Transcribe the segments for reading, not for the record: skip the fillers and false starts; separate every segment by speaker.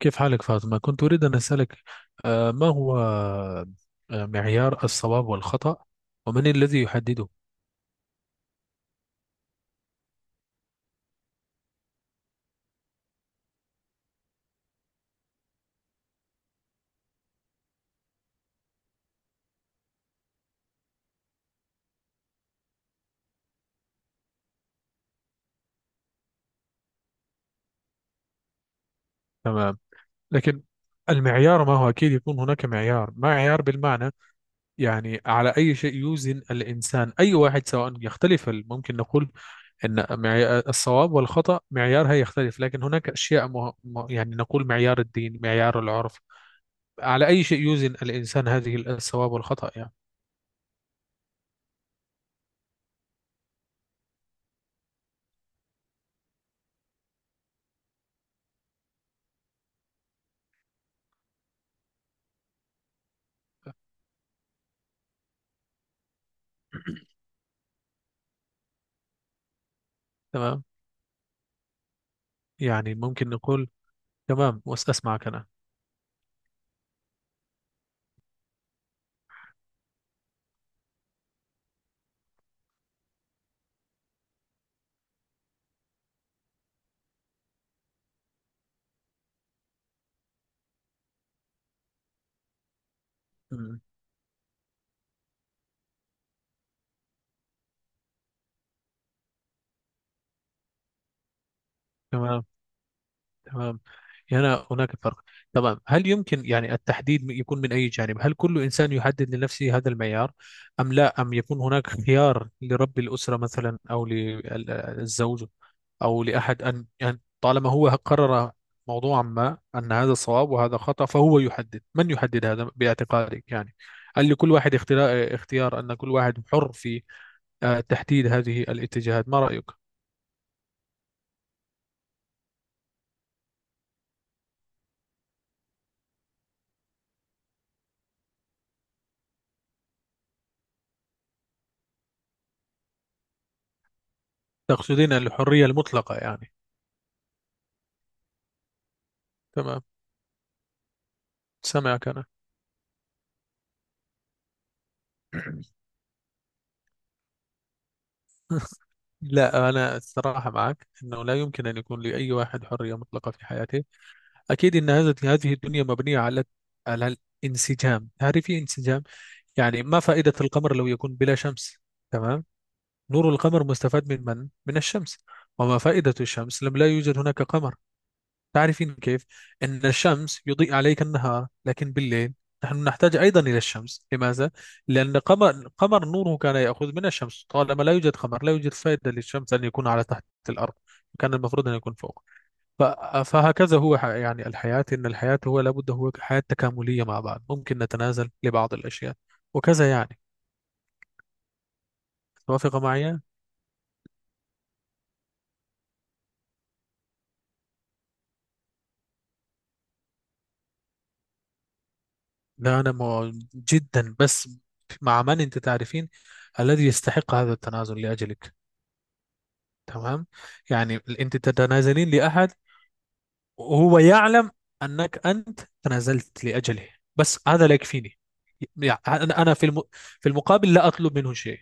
Speaker 1: كيف حالك فاطمة؟ كنت أريد أن أسألك، ما هو، معيار الصواب والخطأ؟ ومن الذي يحدده؟ تمام. لكن المعيار ما هو؟ أكيد يكون هناك معيار بالمعنى، يعني على أي شيء يوزن الإنسان، أي واحد سواء يختلف، ممكن نقول أن الصواب والخطأ معيارها يختلف، لكن هناك أشياء يعني نقول معيار الدين، معيار العرف، على أي شيء يوزن الإنسان هذه الصواب والخطأ يعني. تمام. يعني ممكن نقول تمام، أسمعك أنا. مم. تمام، تمام. هنا هناك فرق. تمام، هل يمكن يعني التحديد يكون من أي جانب؟ هل كل إنسان يحدد لنفسه هذا المعيار؟ أم لا؟ أم يكون هناك خيار لرب الأسرة مثلا أو للزوج أو لأحد أن طالما هو قرر موضوعا ما أن هذا صواب وهذا خطأ، فهو يحدد؟ من يحدد هذا باعتقادك يعني؟ هل لكل واحد اختيار أن كل واحد حر في تحديد هذه الاتجاهات؟ ما رأيك؟ تقصدين الحرية المطلقة يعني؟ تمام، سامعك أنا. لا، أنا الصراحة معك أنه لا يمكن أن يكون لأي واحد حرية مطلقة في حياته. أكيد أن هذه الدنيا مبنية على الانسجام، تعرفي، انسجام. يعني ما فائدة القمر لو يكون بلا شمس؟ تمام. نور القمر مستفاد من الشمس، وما فائدة الشمس لم لا يوجد هناك قمر؟ تعرفين كيف؟ أن الشمس يضيء عليك النهار، لكن بالليل نحن نحتاج أيضا إلى الشمس. لماذا؟ لأن قمر نوره كان يأخذ من الشمس. طالما لا يوجد قمر، لا يوجد فائدة للشمس أن يكون على تحت الأرض، كان المفروض أن يكون فوق. ف- فهكذا هو يعني الحياة، إن الحياة هو لابد هو حياة تكاملية مع بعض، ممكن نتنازل لبعض الأشياء وكذا يعني. توافق معي؟ لا، أنا جدا، بس مع من أنت تعرفين الذي يستحق هذا التنازل لأجلك. تمام، يعني أنت تتنازلين لأحد وهو يعلم أنك أنت تنازلت لأجله، بس هذا لا يكفيني. يعني أنا، في المقابل لا أطلب منه شيء.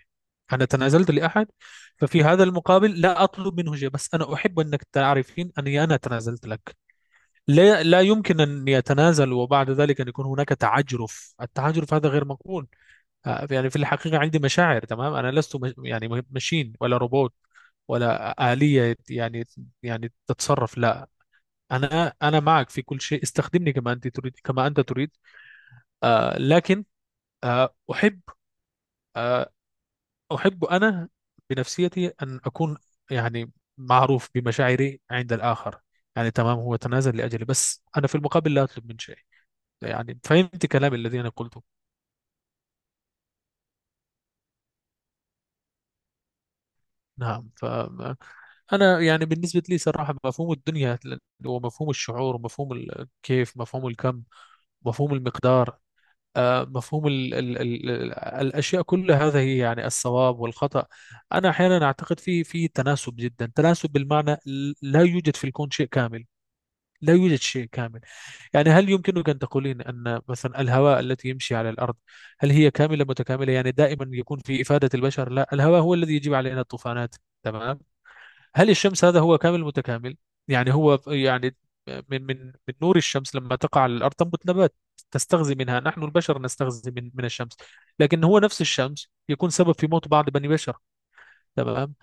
Speaker 1: أنا تنازلت لأحد، ففي هذا المقابل لا أطلب منه شيء، بس أنا أحب أنك تعرفين أني أنا تنازلت لك. لا، لا يمكن أن يتنازل وبعد ذلك أن يكون هناك تعجرف. التعجرف هذا غير مقبول. يعني في الحقيقة عندي مشاعر. تمام، أنا لست، مش يعني، ماشين ولا روبوت ولا آلية، يعني، تتصرف. لا، أنا معك في كل شيء. استخدمني كما أنت تريد، كما أنت تريد. لكن، آه أحب آه أحب أنا بنفسيتي أن أكون، يعني، معروف بمشاعري عند الآخر. يعني تمام، هو تنازل لأجلي، بس أنا في المقابل لا أطلب من شيء. يعني فهمت كلامي الذي أنا قلته؟ نعم. انا يعني بالنسبه لي صراحه مفهوم الدنيا ومفهوم الشعور ومفهوم كيف، مفهوم الكم، مفهوم المقدار، مفهوم ال ال ال ال الاشياء، كل هذا هي يعني الصواب والخطا. انا احيانا اعتقد في تناسب، جدا تناسب بالمعنى، لا يوجد في الكون شيء كامل، لا يوجد شيء كامل. يعني هل يمكنك أن تقولين أن مثلا الهواء التي يمشي على الأرض هل هي كاملة متكاملة؟ يعني دائما يكون في إفادة البشر؟ لا، الهواء هو الذي يجيب علينا الطوفانات. تمام. هل الشمس هذا هو كامل متكامل؟ يعني هو يعني، من نور الشمس لما تقع على الارض تنبت نبات، تستغذي منها، نحن البشر نستغذي من الشمس، لكن هو نفس الشمس يكون سبب في موت بعض بني بشر. تمام.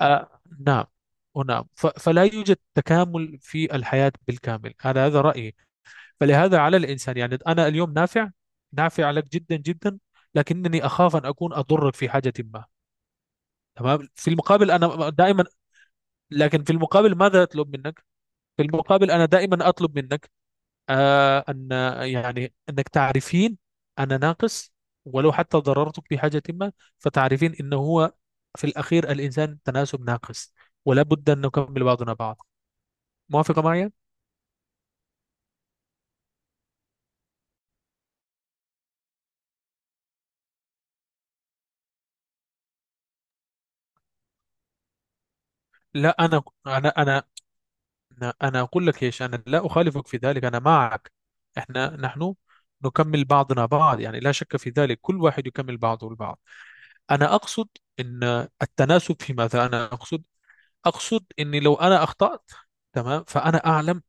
Speaker 1: آه، نعم. ونعم، فلا يوجد تكامل في الحياة بالكامل. هذا رأيي. فلهذا على الإنسان، يعني أنا اليوم نافع، نافع لك جدا جدا، لكنني أخاف أن أكون أضرك في حاجة ما. تمام، في المقابل أنا دائما، لكن في المقابل ماذا أطلب منك؟ في المقابل أنا دائما أطلب منك أن، يعني أنك تعرفين أنا ناقص، ولو حتى ضررتك بحاجة ما، فتعرفين أنه هو في الأخير الإنسان تناسب ناقص، ولا بد أن نكمل بعضنا بعض. موافقة معي؟ لا، أنا أقول لك إيش، أنا لا أخالفك في ذلك، أنا معك. نحن نكمل بعضنا بعض، يعني لا شك في ذلك، كل واحد يكمل بعضه البعض. أنا أقصد، أن التناسب في ماذا أنا أقصد؟ اقصد اني لو انا اخطات، تمام، فانا اعلم.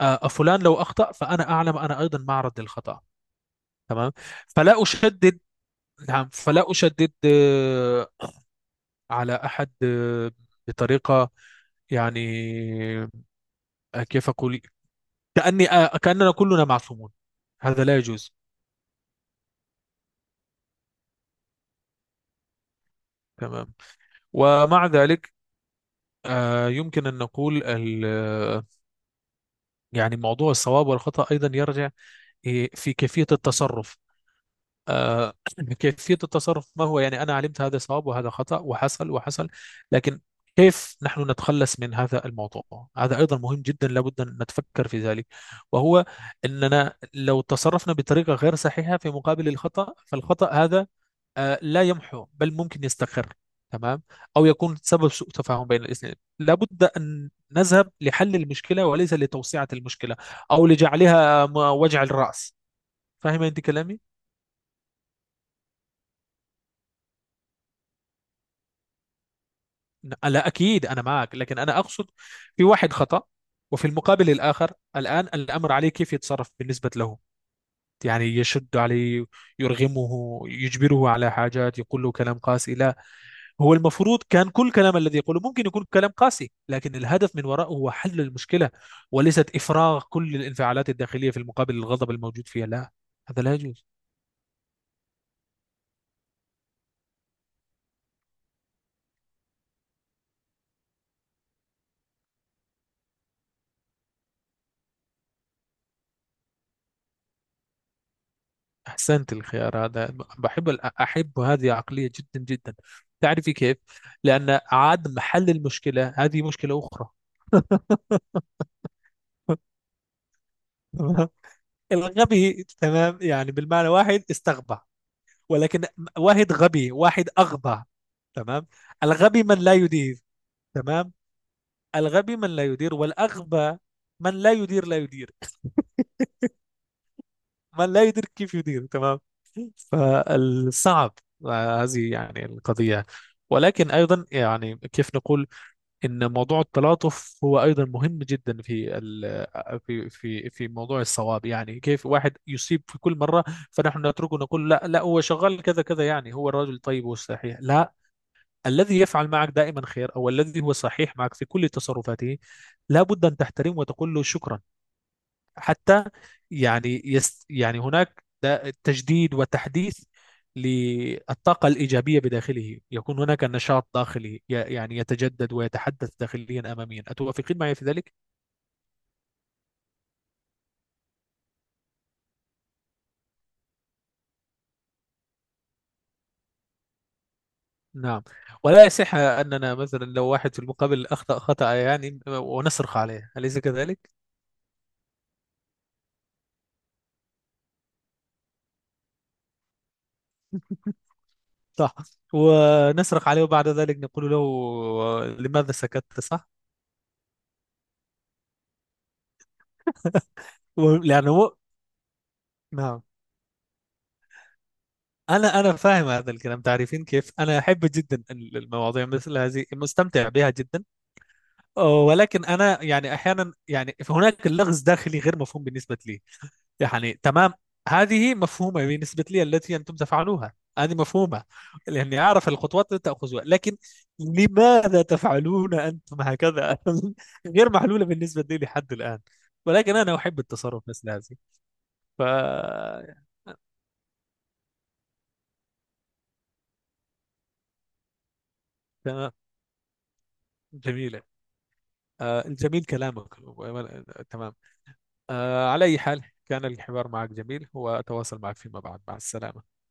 Speaker 1: فلان لو اخطا، فانا اعلم انا ايضا معرض للخطا. تمام. فلا اشدد. نعم، فلا اشدد على احد بطريقه، يعني، كيف اقول، كاني آه، كاننا كلنا معصومون. هذا لا يجوز. تمام. ومع ذلك يمكن أن نقول يعني موضوع الصواب والخطأ أيضا يرجع، في كيفية التصرف. آه، كيفية التصرف ما هو؟ يعني أنا علمت هذا صواب وهذا خطأ، وحصل وحصل، لكن كيف نحن نتخلص من هذا الموضوع؟ هذا أيضا مهم جدا، لابد أن نتفكر في ذلك. وهو أننا لو تصرفنا بطريقة غير صحيحة في مقابل الخطأ، فالخطأ هذا لا يمحو بل ممكن يستقر. تمام. أو يكون سبب سوء تفاهم بين الاثنين. لابد أن نذهب لحل المشكلة وليس لتوسعة المشكلة أو لجعلها وجع الرأس. فاهمة أنت كلامي؟ لا، أكيد أنا معك، لكن أنا أقصد، في واحد خطأ، وفي المقابل الآخر، الآن الأمر عليه كيف يتصرف بالنسبة له. يعني يشد عليه، يرغمه، يجبره على حاجات، يقول له كلام قاسي؟ لا. هو المفروض كان كل كلام الذي يقوله ممكن يكون كلام قاسي، لكن الهدف من وراءه هو حل المشكلة، وليست إفراغ كل الانفعالات الداخلية في المقابل، الغضب الموجود فيها. لا، هذا لا يجوز. أحسنت الخيار هذا. أحب هذه عقلية جدا جدا. تعرفي كيف؟ لأن عدم حل المشكلة هذه مشكلة أخرى. تمام؟ الغبي، تمام، يعني بالمعنى واحد استغبى، ولكن واحد غبي واحد أغبى. تمام. الغبي من لا يدير. تمام. الغبي من لا يدير، والأغبى من لا يدير لا يدير. من لا يدير كيف يدير؟ تمام. فالصعب، هذه يعني القضية. ولكن أيضا يعني كيف نقول إن موضوع التلاطف هو أيضا مهم جدا، في ال في في في موضوع الصواب. يعني كيف واحد يصيب في كل مرة؟ فنحن نتركه، نقول لا لا هو شغال كذا كذا، يعني هو الرجل طيب والصحيح. لا، الذي يفعل معك دائما خير، أو الذي هو صحيح معك في كل تصرفاته، لا بد أن تحترمه وتقول له شكرا. حتى يعني، يعني هناك ده تجديد وتحديث للطاقة الإيجابية بداخله، يكون هناك نشاط داخلي، يعني يتجدد ويتحدث داخليا أماميا. أتوافقين معي في ذلك؟ نعم. ولا يصح أننا مثلا لو واحد في المقابل أخطأ خطأ، يعني، ونصرخ عليه، أليس كذلك؟ صح. ونصرخ عليه وبعد ذلك نقول له لماذا سكت، صح؟ لأنه. نعم. انا فاهم هذا الكلام. تعرفين كيف؟ انا احب جدا المواضيع مثل هذه، مستمتع بها جدا. ولكن انا، يعني، احيانا، يعني هناك اللغز داخلي غير مفهوم بالنسبه لي، يعني. تمام، هذه مفهومه بالنسبه لي التي انتم تفعلونها، هذه مفهومه، لاني اعرف الخطوات التي تاخذها، لكن لماذا تفعلون انتم هكذا غير محلوله بالنسبه لي لحد الان. ولكن انا احب التصرف مثل هذه. ف تمام، جميله. جميل كلامك. تمام. على أي حال، كان الحوار معك جميل، وأتواصل معك فيما بعد. مع السلامة.